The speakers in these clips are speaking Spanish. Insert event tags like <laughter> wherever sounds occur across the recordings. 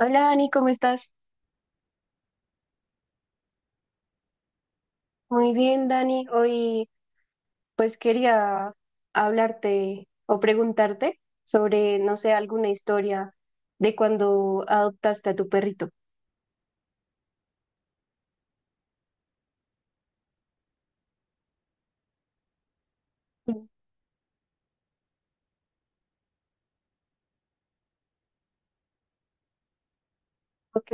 Hola Dani, ¿cómo estás? Muy bien, Dani. Hoy quería hablarte o preguntarte sobre, no sé, alguna historia de cuando adoptaste a tu perrito. Mm. Ok,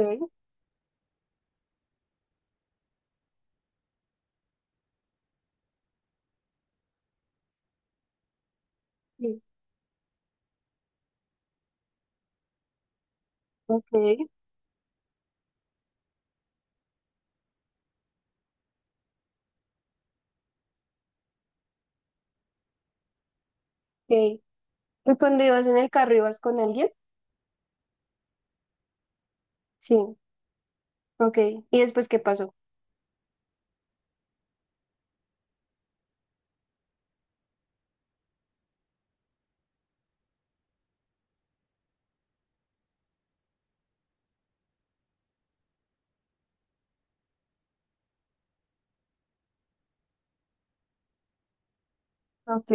sí, ok, ok. ¿Y cuando ibas en el carro ibas con alguien? Sí, ok. ¿Y después qué pasó? Ok,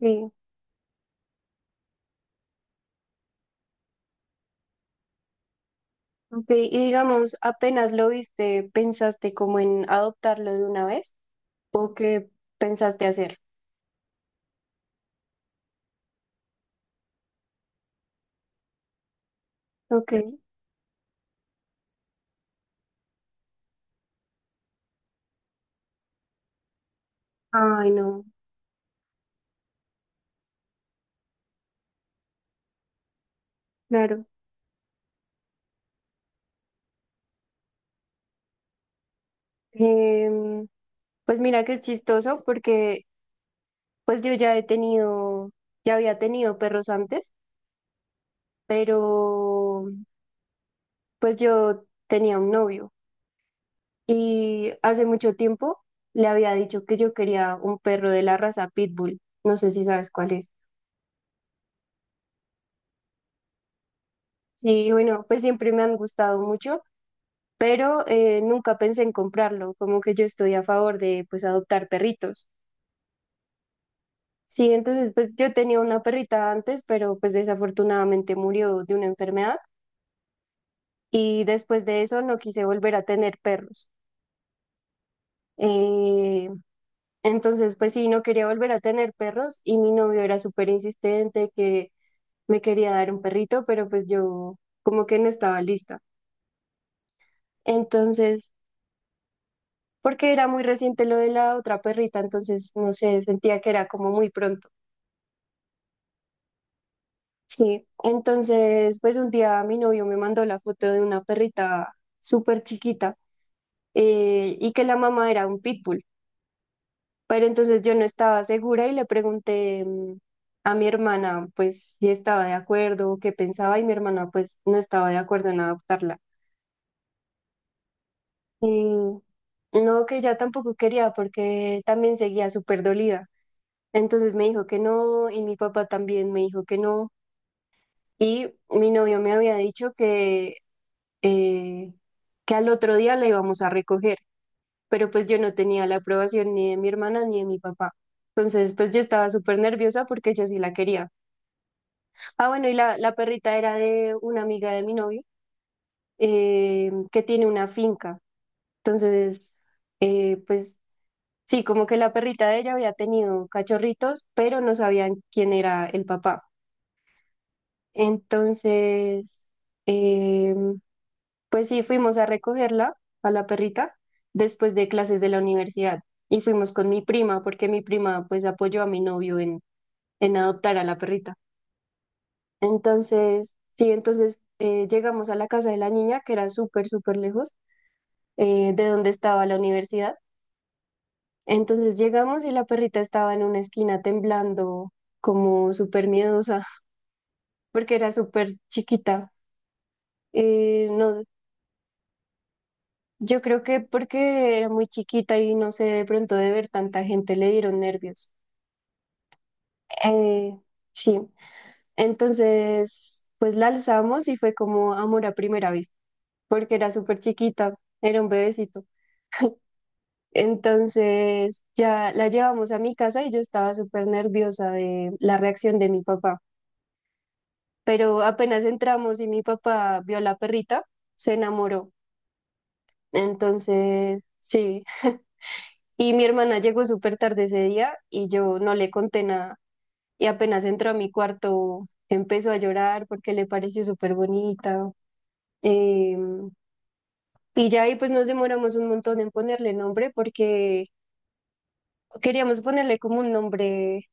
sí, ok. Y digamos, apenas lo viste, ¿pensaste como en adoptarlo de una vez? ¿O qué pensaste hacer? Ok. Ay, no, claro. Em, pues mira que es chistoso porque pues yo ya he tenido, ya había tenido perros antes, pero pues yo tenía un novio y hace mucho tiempo le había dicho que yo quería un perro de la raza Pitbull. No sé si sabes cuál es. Sí, bueno, pues siempre me han gustado mucho, pero nunca pensé en comprarlo, como que yo estoy a favor de pues adoptar perritos. Sí, entonces pues yo tenía una perrita antes, pero pues desafortunadamente murió de una enfermedad. Y después de eso no quise volver a tener perros. Eh, entonces, pues sí, no quería volver a tener perros y mi novio era súper insistente que me quería dar un perrito, pero pues yo como que no estaba lista. Entonces, porque era muy reciente lo de la otra perrita, entonces, no sé, sentía que era como muy pronto. Sí, entonces, pues un día mi novio me mandó la foto de una perrita súper chiquita, y que la mamá era un pitbull. Pero entonces yo no estaba segura y le pregunté, a mi hermana, pues, si estaba de acuerdo o qué pensaba, y mi hermana, pues, no estaba de acuerdo en adoptarla. Y no, que ya tampoco quería porque también seguía súper dolida. Entonces me dijo que no, y mi papá también me dijo que no. Y mi novio me había dicho eh, que al otro día la íbamos a recoger, pero pues yo no tenía la aprobación ni de mi hermana ni de mi papá. Entonces, pues yo estaba súper nerviosa porque yo sí la quería. Ah, bueno, y la perrita era de una amiga de mi novio que tiene una finca. Entonces, pues sí, como que la perrita de ella había tenido cachorritos, pero no sabían quién era el papá. Entonces, eh, pues sí, fuimos a recogerla, a la perrita, después de clases de la universidad. Y fuimos con mi prima, porque mi prima pues apoyó a mi novio en adoptar a la perrita. Entonces, sí, entonces llegamos a la casa de la niña, que era súper, súper lejos de donde estaba la universidad. Entonces llegamos y la perrita estaba en una esquina temblando, como súper miedosa. <laughs> Porque era súper chiquita. No, yo creo que porque era muy chiquita y no sé, de pronto de ver tanta gente le dieron nervios. Eh, sí, entonces, pues la alzamos y fue como amor a primera vista, porque era súper chiquita, era un bebecito. Entonces ya la llevamos a mi casa y yo estaba súper nerviosa de la reacción de mi papá. Pero apenas entramos y mi papá vio a la perrita, se enamoró. Entonces, sí. Y mi hermana llegó súper tarde ese día y yo no le conté nada. Y apenas entró a mi cuarto, empezó a llorar porque le pareció súper bonita. Em, y ya ahí pues nos demoramos un montón en ponerle nombre porque queríamos ponerle como un nombre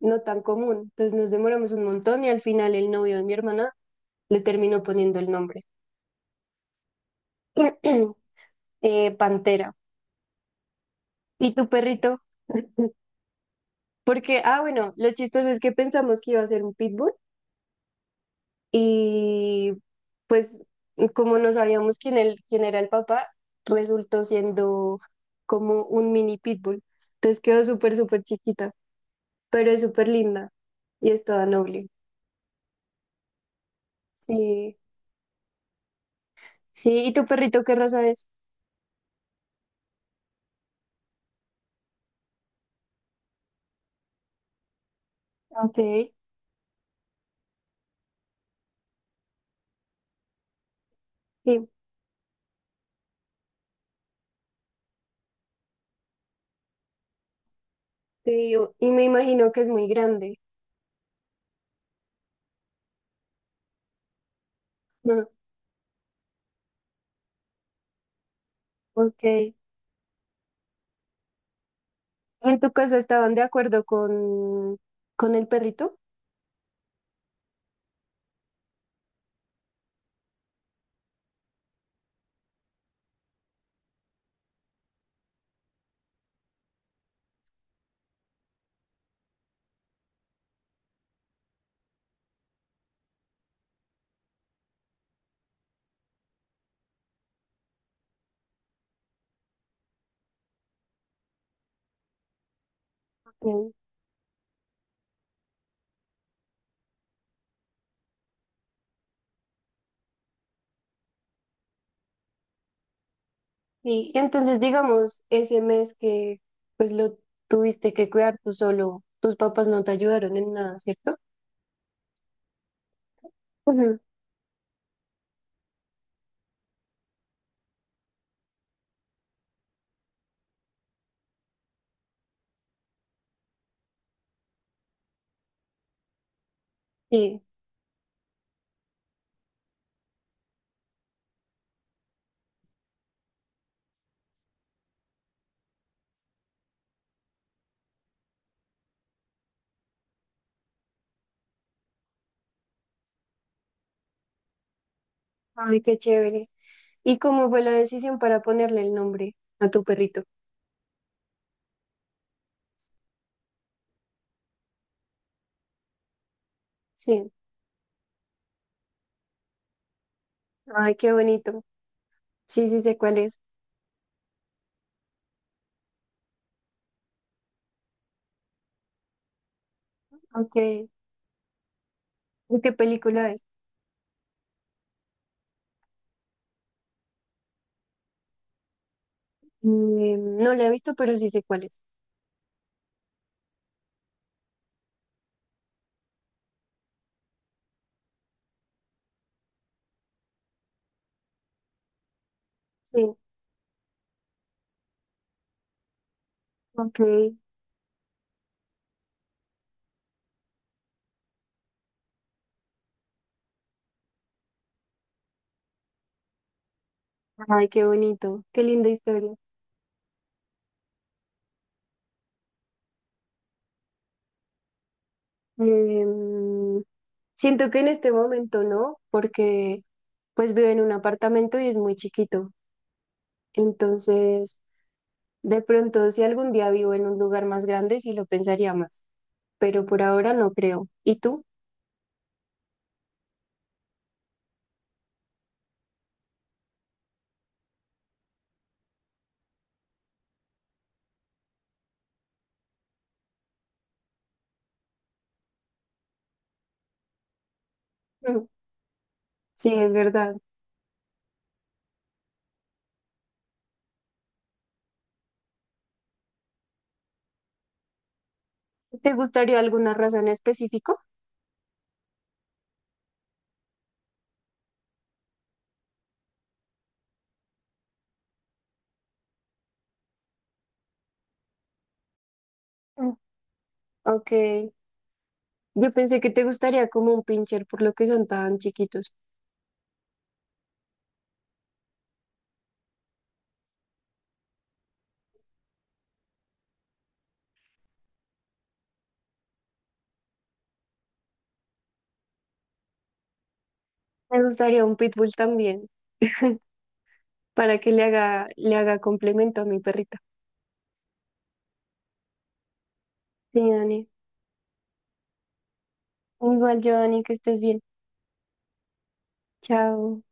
no tan común. Entonces nos demoramos un montón y al final el novio de mi hermana le terminó poniendo el nombre. <clears throat> Pantera. ¿Y tu perrito? <laughs> Porque, ah, bueno, lo chistoso es que pensamos que iba a ser un pitbull y pues como no sabíamos quién, el, quién era el papá, resultó siendo como un mini pitbull. Entonces quedó súper, súper chiquita, pero es súper linda y es toda noble. Sí, sí, ¿y tu perrito qué raza es? Ok, sí. Sí, o- y me imagino que es muy grande. No, ok. ¿En tu casa estaban de acuerdo con el perrito? Ok. Y entonces, digamos, ese mes que pues lo tuviste que cuidar tú solo, tus papás no te ayudaron en nada, ¿cierto? Ujú. Sí. Ay, qué chévere. ¿Y cómo fue la decisión para ponerle el nombre a tu perrito? Sí. Ay, qué bonito. Sí, sí sé cuál es. Ok. ¿Y qué película es? Mm, no la he visto, pero sí sé cuál es. Sí. Ok. Ay, qué bonito, qué linda historia. Em, Siento que en este momento no, porque pues vivo en un apartamento y es muy chiquito. Entonces, de pronto si algún día vivo en un lugar más grande, sí lo pensaría más, pero por ahora no creo. ¿Y tú? Mm. Sí, es verdad. ¿Te gustaría alguna raza en específico? Mm. Ok, yo pensé que te gustaría como un pincher por lo que son tan chiquitos. Me gustaría un pitbull también, para que le haga complemento a mi perrita. Sí, Dani. Igual yo, Dani, que estés bien. Chao.